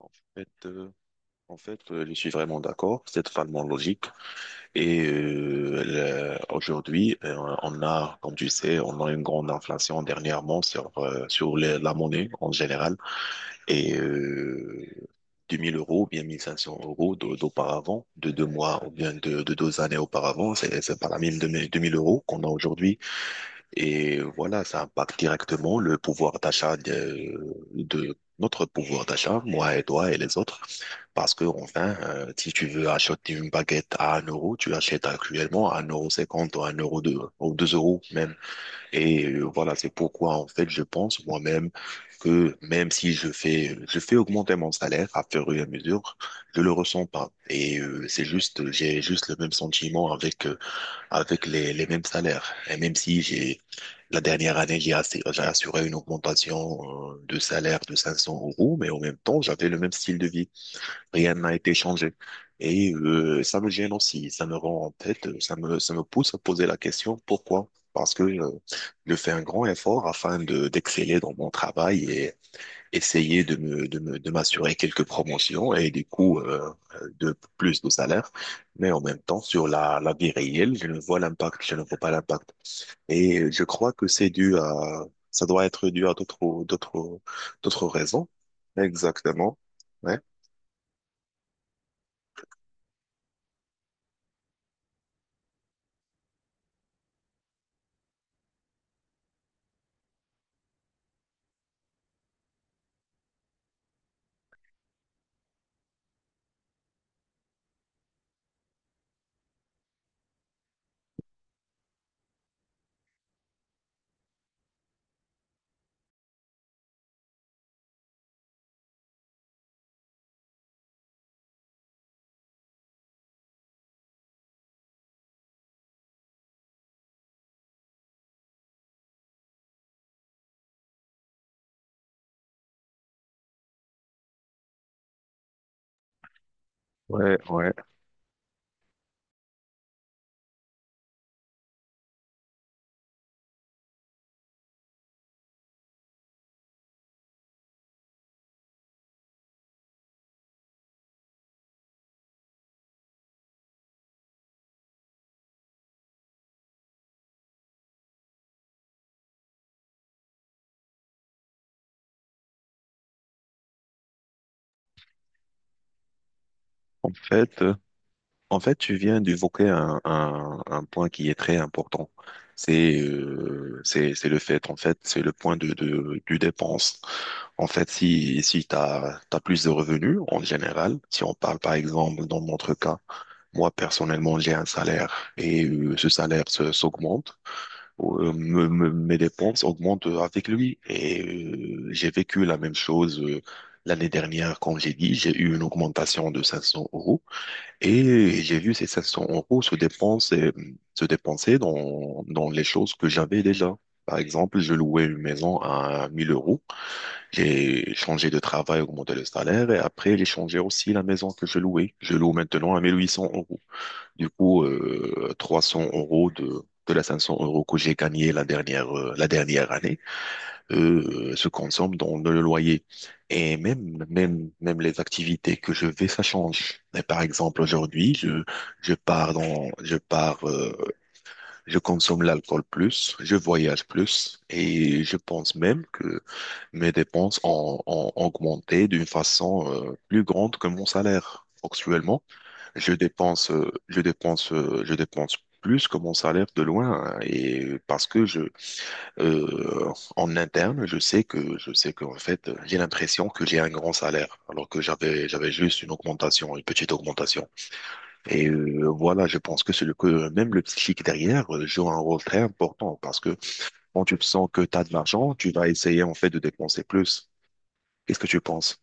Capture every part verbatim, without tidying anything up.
En fait, euh, en fait, euh, je suis vraiment d'accord. C'est totalement logique. Et euh, le- aujourd'hui, euh, on a, comme tu sais, on a une grande inflation dernièrement sur euh, sur les- la monnaie en général. Et euh, deux mille euros, bien mille cinq cents euros d'au- d'auparavant, de deux mois ou bien de, de deux années auparavant, c'est c'est pas la même deux mille euros qu'on a aujourd'hui. Et voilà, ça impacte directement le pouvoir d'achat de, de notre pouvoir d'achat, moi et toi et les autres. Parce que, enfin, euh, si tu veux acheter une baguette à un euro, tu achètes actuellement à un euro cinquante ou un euro deux ou deux euros même. Et euh, voilà, c'est pourquoi, en fait, je pense moi-même que même si je fais, je fais augmenter mon salaire à fur et à mesure, je le ressens pas. Et euh, c'est juste, j'ai juste le même sentiment avec, euh, avec les, les mêmes salaires. Et même si j'ai, la dernière année, j'ai assi- j'ai assuré une augmentation euh, de salaire de cinq cents euros, mais en même temps, j'avais le même style de vie. Rien n'a été changé. Et euh, ça me gêne aussi, ça me rend en tête, ça me, ça me pousse à poser la question pourquoi? Parce que euh, je fais un grand effort afin de d'exceller dans mon travail et essayer de me, de me, de m'assurer quelques promotions et du coup euh, de plus de salaire. Mais en même temps, sur la, la vie réelle, je ne vois l'impact, je ne vois pas l'impact. Et euh, je crois que c'est dû à, ça doit être dû à d'autres, d'autres, d'autres raisons. Exactement. Ouais. Ouais, ouais. En fait, euh, en fait, tu viens d'évoquer un, un, un point qui est très important. C'est euh, c'est c'est le fait, en fait, c'est le point de, de du dépense. En fait, si si t'as t'as plus de revenus en général, si on parle par exemple dans notre cas, moi personnellement j'ai un salaire et euh, ce salaire se- s'augmente. Euh, me- me- mes dépenses augmentent avec lui et euh, j'ai vécu la même chose euh, l'année dernière, quand j'ai dit, j'ai eu une augmentation de cinq cents euros. Et j'ai vu ces cinq cents euros se dépenser, se dépenser dans, dans les choses que j'avais déjà. Par exemple, je louais une maison à mille euros. J'ai changé de travail, augmenté le salaire et après, j'ai changé aussi la maison que je louais. Je loue maintenant à mille huit cents euros. Du coup, euh, trois cents euros de, de la cinq cents euros que j'ai gagné la dernière, euh, la dernière année euh, se consomment dans le loyer. Et même, même, même les activités que je vais, ça change. Et par exemple, aujourd'hui, je, je pars dans, je pars, euh, je consomme l'alcool plus, je voyage plus, et je pense même que mes dépenses ont, ont augmenté d'une façon, euh, plus grande que mon salaire. Actuellement, je dépense, euh, je dépense, euh, je dépense plus que mon salaire de loin, hein, et parce que je, euh, en interne, je sais que je sais qu'en fait, j'ai l'impression que j'ai un grand salaire, alors que j'avais j'avais juste une augmentation, une petite augmentation. Et euh, voilà, je pense que c'est le que même le psychique derrière euh, joue un rôle très important parce que quand tu sens que tu as de l'argent, tu vas essayer en fait de dépenser plus. Qu'est-ce que tu penses?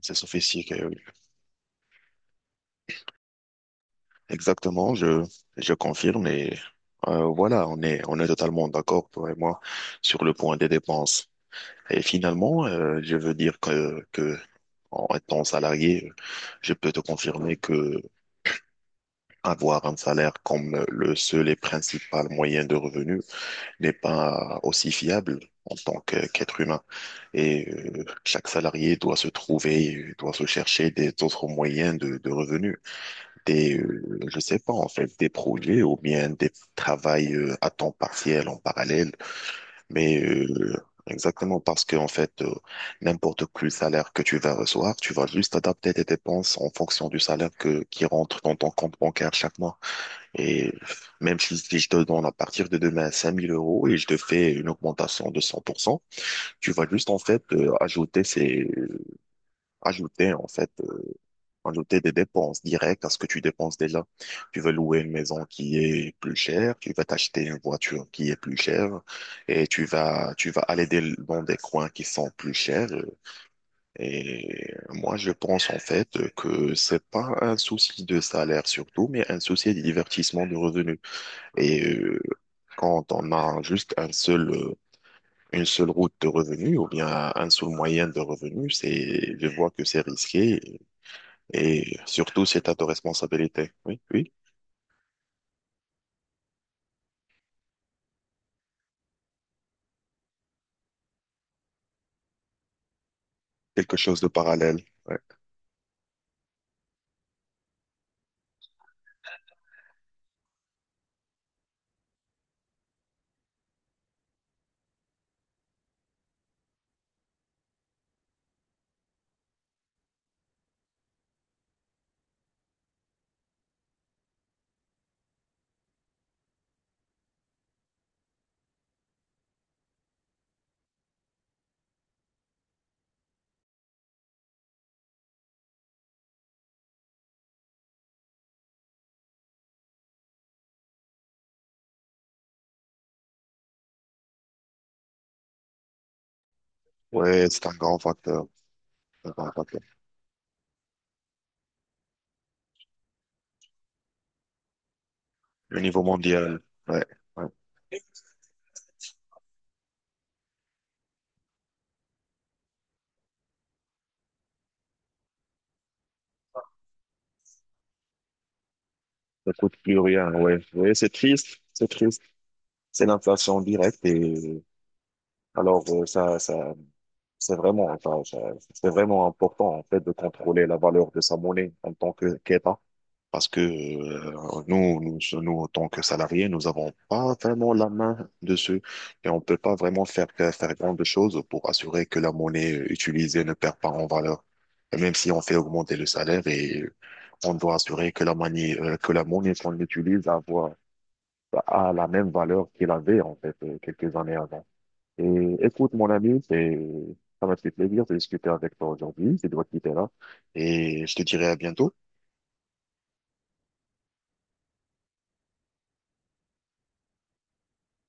C'est sophistique. Euh, oui. Exactement, je je confirme et euh, voilà, on est on est totalement d'accord toi et moi sur le point des dépenses. Et finalement, euh, je veux dire que, que En étant salarié, je peux te confirmer que avoir un salaire comme le seul et principal moyen de revenu n'est pas aussi fiable en tant que- qu'être humain. Et euh, chaque salarié doit se trouver, euh, doit se chercher des autres moyens de, de revenus. Des, euh, je sais pas, en fait, des projets ou bien des travails euh, à temps partiel en parallèle mais euh, exactement parce que en fait, euh, n'importe quel salaire que tu vas recevoir, tu vas juste adapter tes dépenses en fonction du salaire que qui rentre dans ton compte bancaire chaque mois. Et euh, même si, si je te donne à partir de demain cinq mille euros et je te fais une augmentation de cent pour cent, tu vas juste en fait euh, ajouter ces ajouter en fait Ajouter des dépenses directes à ce que tu dépenses déjà. Tu veux louer une maison qui est plus chère, tu vas t'acheter une voiture qui est plus chère et tu vas, tu vas aller des- dans des coins qui sont plus chers. Et moi, je pense en fait que c'est pas un souci de salaire surtout, mais un souci de divertissement de revenus. Et euh, quand on a juste un seul, euh, une seule route de revenus ou bien un seul moyen de revenus, c'est, je vois que c'est risqué et surtout, c'est à ta responsabilité. Oui, oui. Quelque chose de parallèle. Ouais, ouais, c'est un grand facteur. Un grand facteur. Au niveau mondial. Ouais, ouais. Ça coûte plus rien. Ouais, ouais, c'est triste. C'est triste. C'est l'inflation directe. Et alors, euh, ça, ça, c'est vraiment, enfin, ça- c'est vraiment important, en fait, de contrôler la valeur de sa monnaie en tant que qu'État. Parce que euh, nous, nous, nous, en tant que salariés, nous n'avons pas vraiment la main dessus et on ne peut pas vraiment faire, faire faire grand de choses pour assurer que la monnaie utilisée ne perd pas en valeur. Et même si on fait augmenter le salaire et on doit assurer que la monnaie, euh, que la monnaie qu'on utilise avoir, a la même valeur qu'elle avait en fait euh, quelques années avant. Et écoute, mon ami, c'est, ça m'a fait plaisir de discuter avec toi aujourd'hui. Je dois te quitter là et je te dirai à bientôt.